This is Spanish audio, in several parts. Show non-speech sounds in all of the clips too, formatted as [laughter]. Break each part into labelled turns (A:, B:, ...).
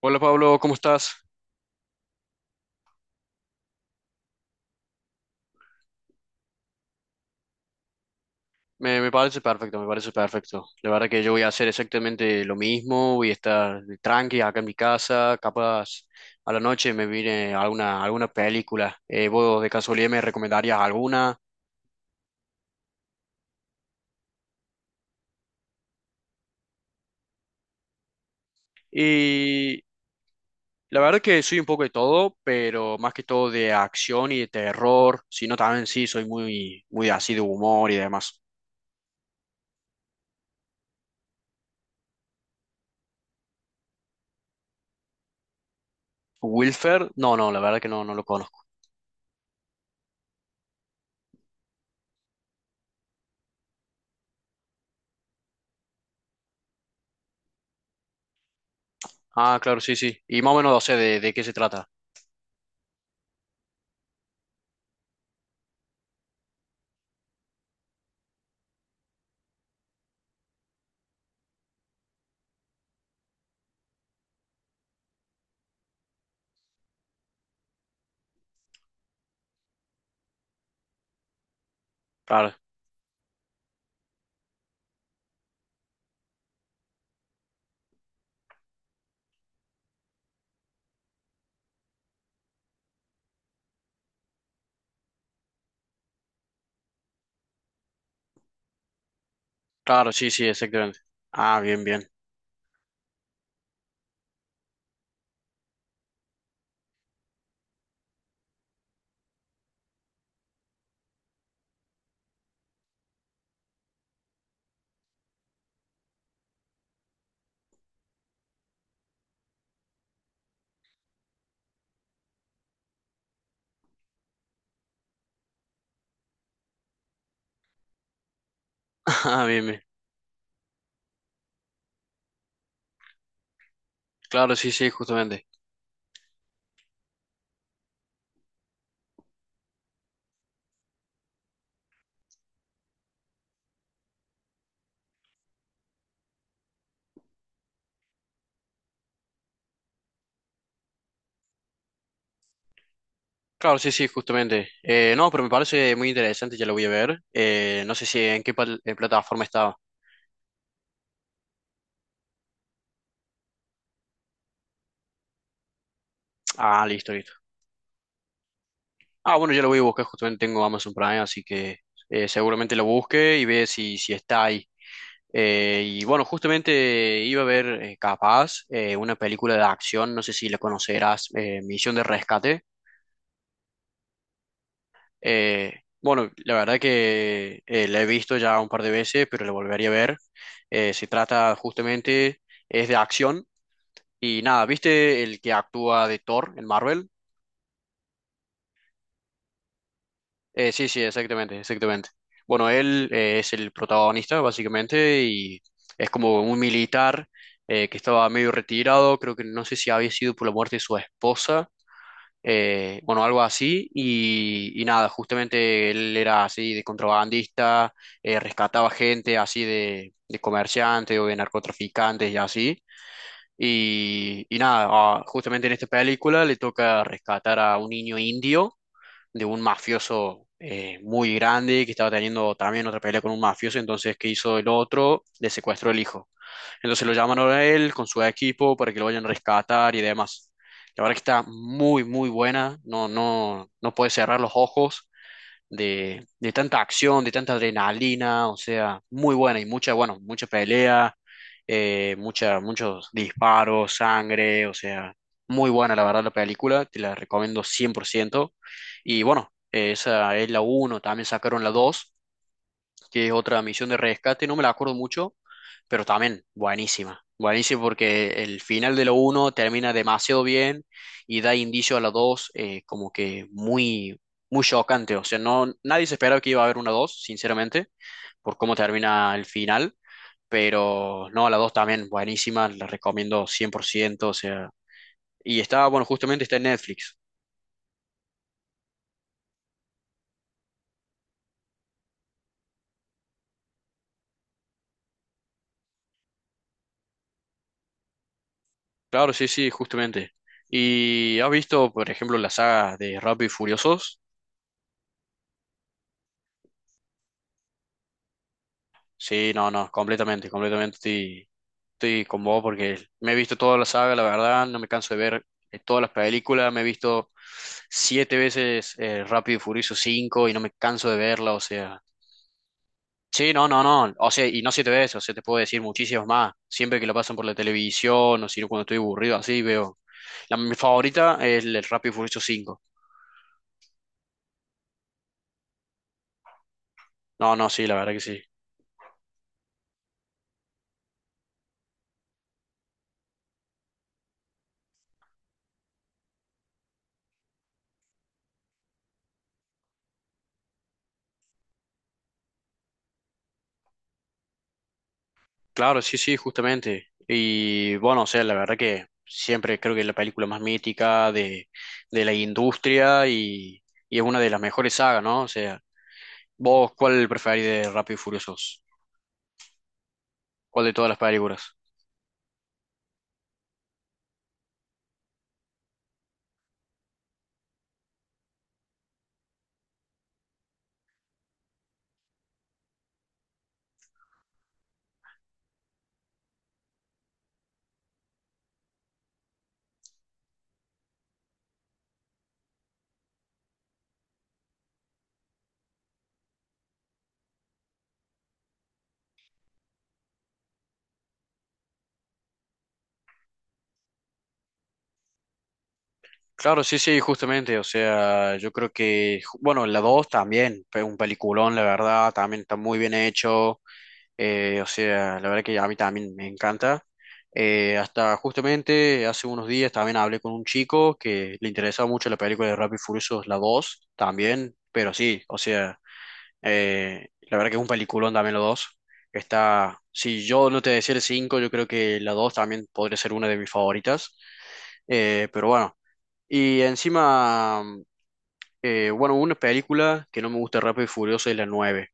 A: Hola Pablo, ¿cómo estás? Me parece perfecto, me parece perfecto. La verdad que yo voy a hacer exactamente lo mismo, voy a estar tranqui acá en mi casa, capaz a la noche me viene alguna película. ¿Vos de casualidad me recomendarías alguna? Y la verdad que soy un poco de todo, pero más que todo de acción y de terror, sino también sí, soy muy así de humor y demás. ¿Wilfer? No, no, la verdad que no, no lo conozco. Ah, claro, sí, sí. Y más o menos, o sea, de qué se trata. Claro. Claro, sí, sí, exactamente. Ah, bien, bien. [laughs] Ah, bien, bien. Claro, sí, sí, justamente. Claro, sí, sí, justamente. No, pero me parece muy interesante, ya lo voy a ver. No sé si en qué plataforma estaba. Ah, listo, listo. Ah, bueno, ya lo voy a buscar, justamente tengo Amazon Prime, así que seguramente lo busque y ve si está ahí. Y bueno, justamente iba a ver capaz una película de acción, no sé si la conocerás, Misión de Rescate. Eh, bueno, la verdad que la he visto ya un par de veces, pero la volvería a ver. Se trata justamente, es de acción y nada, ¿viste el que actúa de Thor en Marvel? Sí, sí, exactamente, exactamente. Bueno, él es el protagonista básicamente y es como un militar que estaba medio retirado, creo que no sé si había sido por la muerte de su esposa bueno, algo así, y nada, justamente él era así de contrabandista, rescataba gente así de comerciantes o de narcotraficantes y así, y nada, ah, justamente en esta película le toca rescatar a un niño indio de un mafioso muy grande que estaba teniendo también otra pelea con un mafioso, entonces, ¿qué hizo el otro? Le secuestró el hijo. Entonces lo llaman ahora a él con su equipo para que lo vayan a rescatar y demás. La verdad que está muy buena. No, no, no puedes cerrar los ojos de tanta acción, de tanta adrenalina. O sea, muy buena y mucha, bueno, mucha pelea, mucha, muchos disparos, sangre. O sea, muy buena la verdad la película. Te la recomiendo 100%. Y bueno, esa es la uno también sacaron la 2 que es otra misión de rescate, no me la acuerdo mucho, pero también buenísima. Buenísima porque el final de la uno termina demasiado bien y da indicio a la 2 como que muy, muy chocante. O sea, no, nadie se esperaba que iba a haber una 2 sinceramente, por cómo termina el final. Pero no, la 2 también buenísima, la recomiendo cien por ciento. O sea, y está, bueno, justamente está en Netflix. Claro, sí, sí, justamente. ¿Y has visto, por ejemplo, la saga de Rápido y Furiosos? Sí, no, no, completamente, completamente estoy, estoy con vos porque me he visto toda la saga, la verdad, no me canso de ver todas las películas, me he visto 7 veces Rápido y Furioso 5 y no me canso de verla, o sea, sí, no, no, no, o sea, y no 7 veces, o sea, te puedo decir muchísimas más, siempre que lo pasan por la televisión o si no cuando estoy aburrido, así veo. La, mi favorita es el Rápido y Furioso 5, no, no, sí, la verdad que sí. Claro, sí, sí, justamente. Y bueno, o sea, la verdad que siempre creo que es la película más mítica de la industria y es una de las mejores sagas, ¿no? O sea, ¿vos cuál preferís de Rápido y Furiosos? ¿Cuál de todas las películas? Claro, sí, sí, justamente. O sea, yo creo que, bueno, la 2 también, fue un peliculón, la verdad, también está muy bien hecho. O sea, la verdad que a mí también me encanta. Hasta justamente hace unos días también hablé con un chico que le interesaba mucho la película de Rápido y Furiosos, la 2, también, pero sí, o sea, la verdad que es un peliculón también la dos. Está, si yo no te decía el 5, yo creo que la 2 también podría ser una de mis favoritas. Pero bueno, y encima, bueno, una película que no me gusta de Rápido y Furioso es la 9.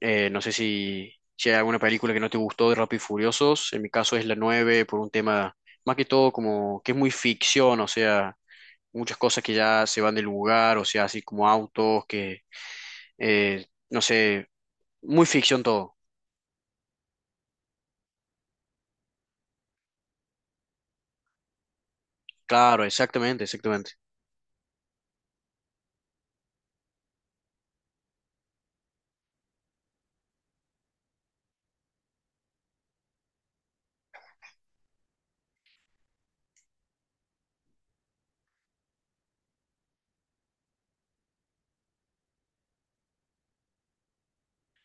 A: No sé si hay alguna película que no te gustó de Rápido y Furiosos. En mi caso es la 9 por un tema más que todo como que es muy ficción, o sea, muchas cosas que ya se van del lugar, o sea, así como autos que, no sé, muy ficción todo. Claro, exactamente, exactamente.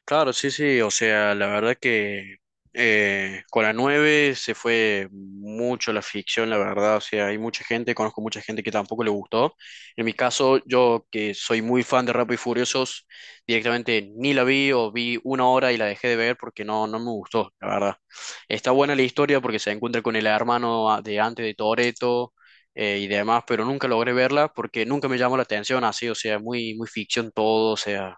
A: Claro, sí, sí, o sea, la verdad que con la 9 se fue mucho la ficción, la verdad, o sea, hay mucha gente, conozco mucha gente que tampoco le gustó. En mi caso, yo que soy muy fan de Rápido y Furiosos, directamente ni la vi o vi 1 hora y la dejé de ver porque no, no me gustó, la verdad. Está buena la historia porque se encuentra con el hermano de antes de Toretto, y demás, pero nunca logré verla porque nunca me llamó la atención así, o sea, muy, muy ficción todo, o sea,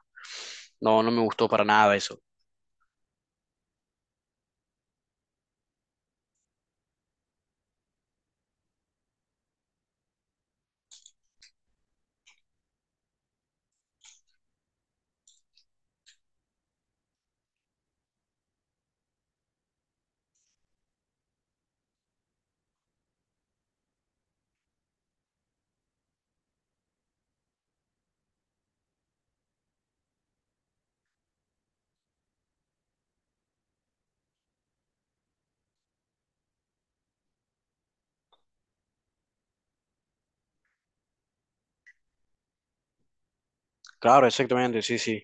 A: no, no me gustó para nada eso. Claro, exactamente, sí, sí.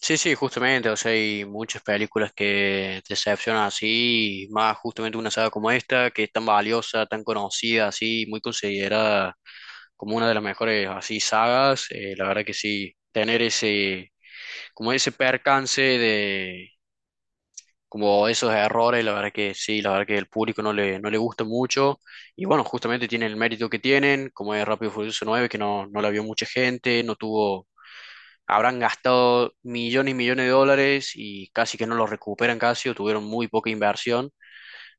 A: Sí, sí, justamente, o sea, hay muchas películas que te decepcionan así, y más justamente una saga como esta, que es tan valiosa, tan conocida, así, muy considerada como una de las mejores así sagas, la verdad que sí, tener ese, como ese percance de como esos errores, la verdad que sí, la verdad que el público no no le gusta mucho. Y bueno, justamente tienen el mérito que tienen, como es Rápido y Furioso 9, que no, no la vio mucha gente, no tuvo, habrán gastado millones y millones de dólares y casi que no lo recuperan casi, o tuvieron muy poca inversión.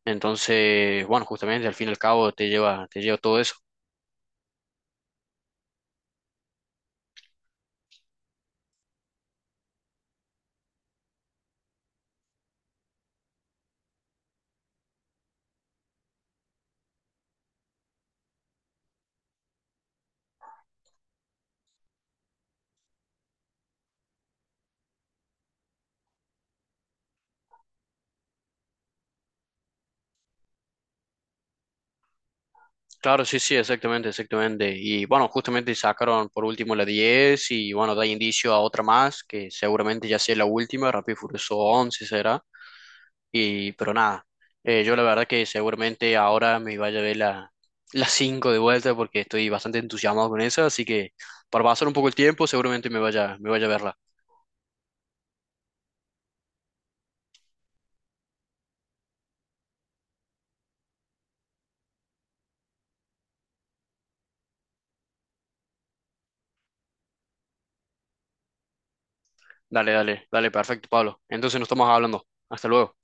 A: Entonces, bueno, justamente al fin y al cabo te lleva todo eso. Claro, sí, sí, exactamente, exactamente. Y bueno, justamente sacaron por último la 10 y bueno, da indicio a otra más, que seguramente ya sea la última, Rápido y Furioso 11 será. Y, pero nada, yo la verdad que seguramente ahora me vaya a ver la, la 5 de vuelta porque estoy bastante entusiasmado con esa, así que para pasar un poco el tiempo seguramente me vaya a verla. Dale, dale, dale, perfecto, Pablo. Entonces nos estamos hablando. Hasta luego.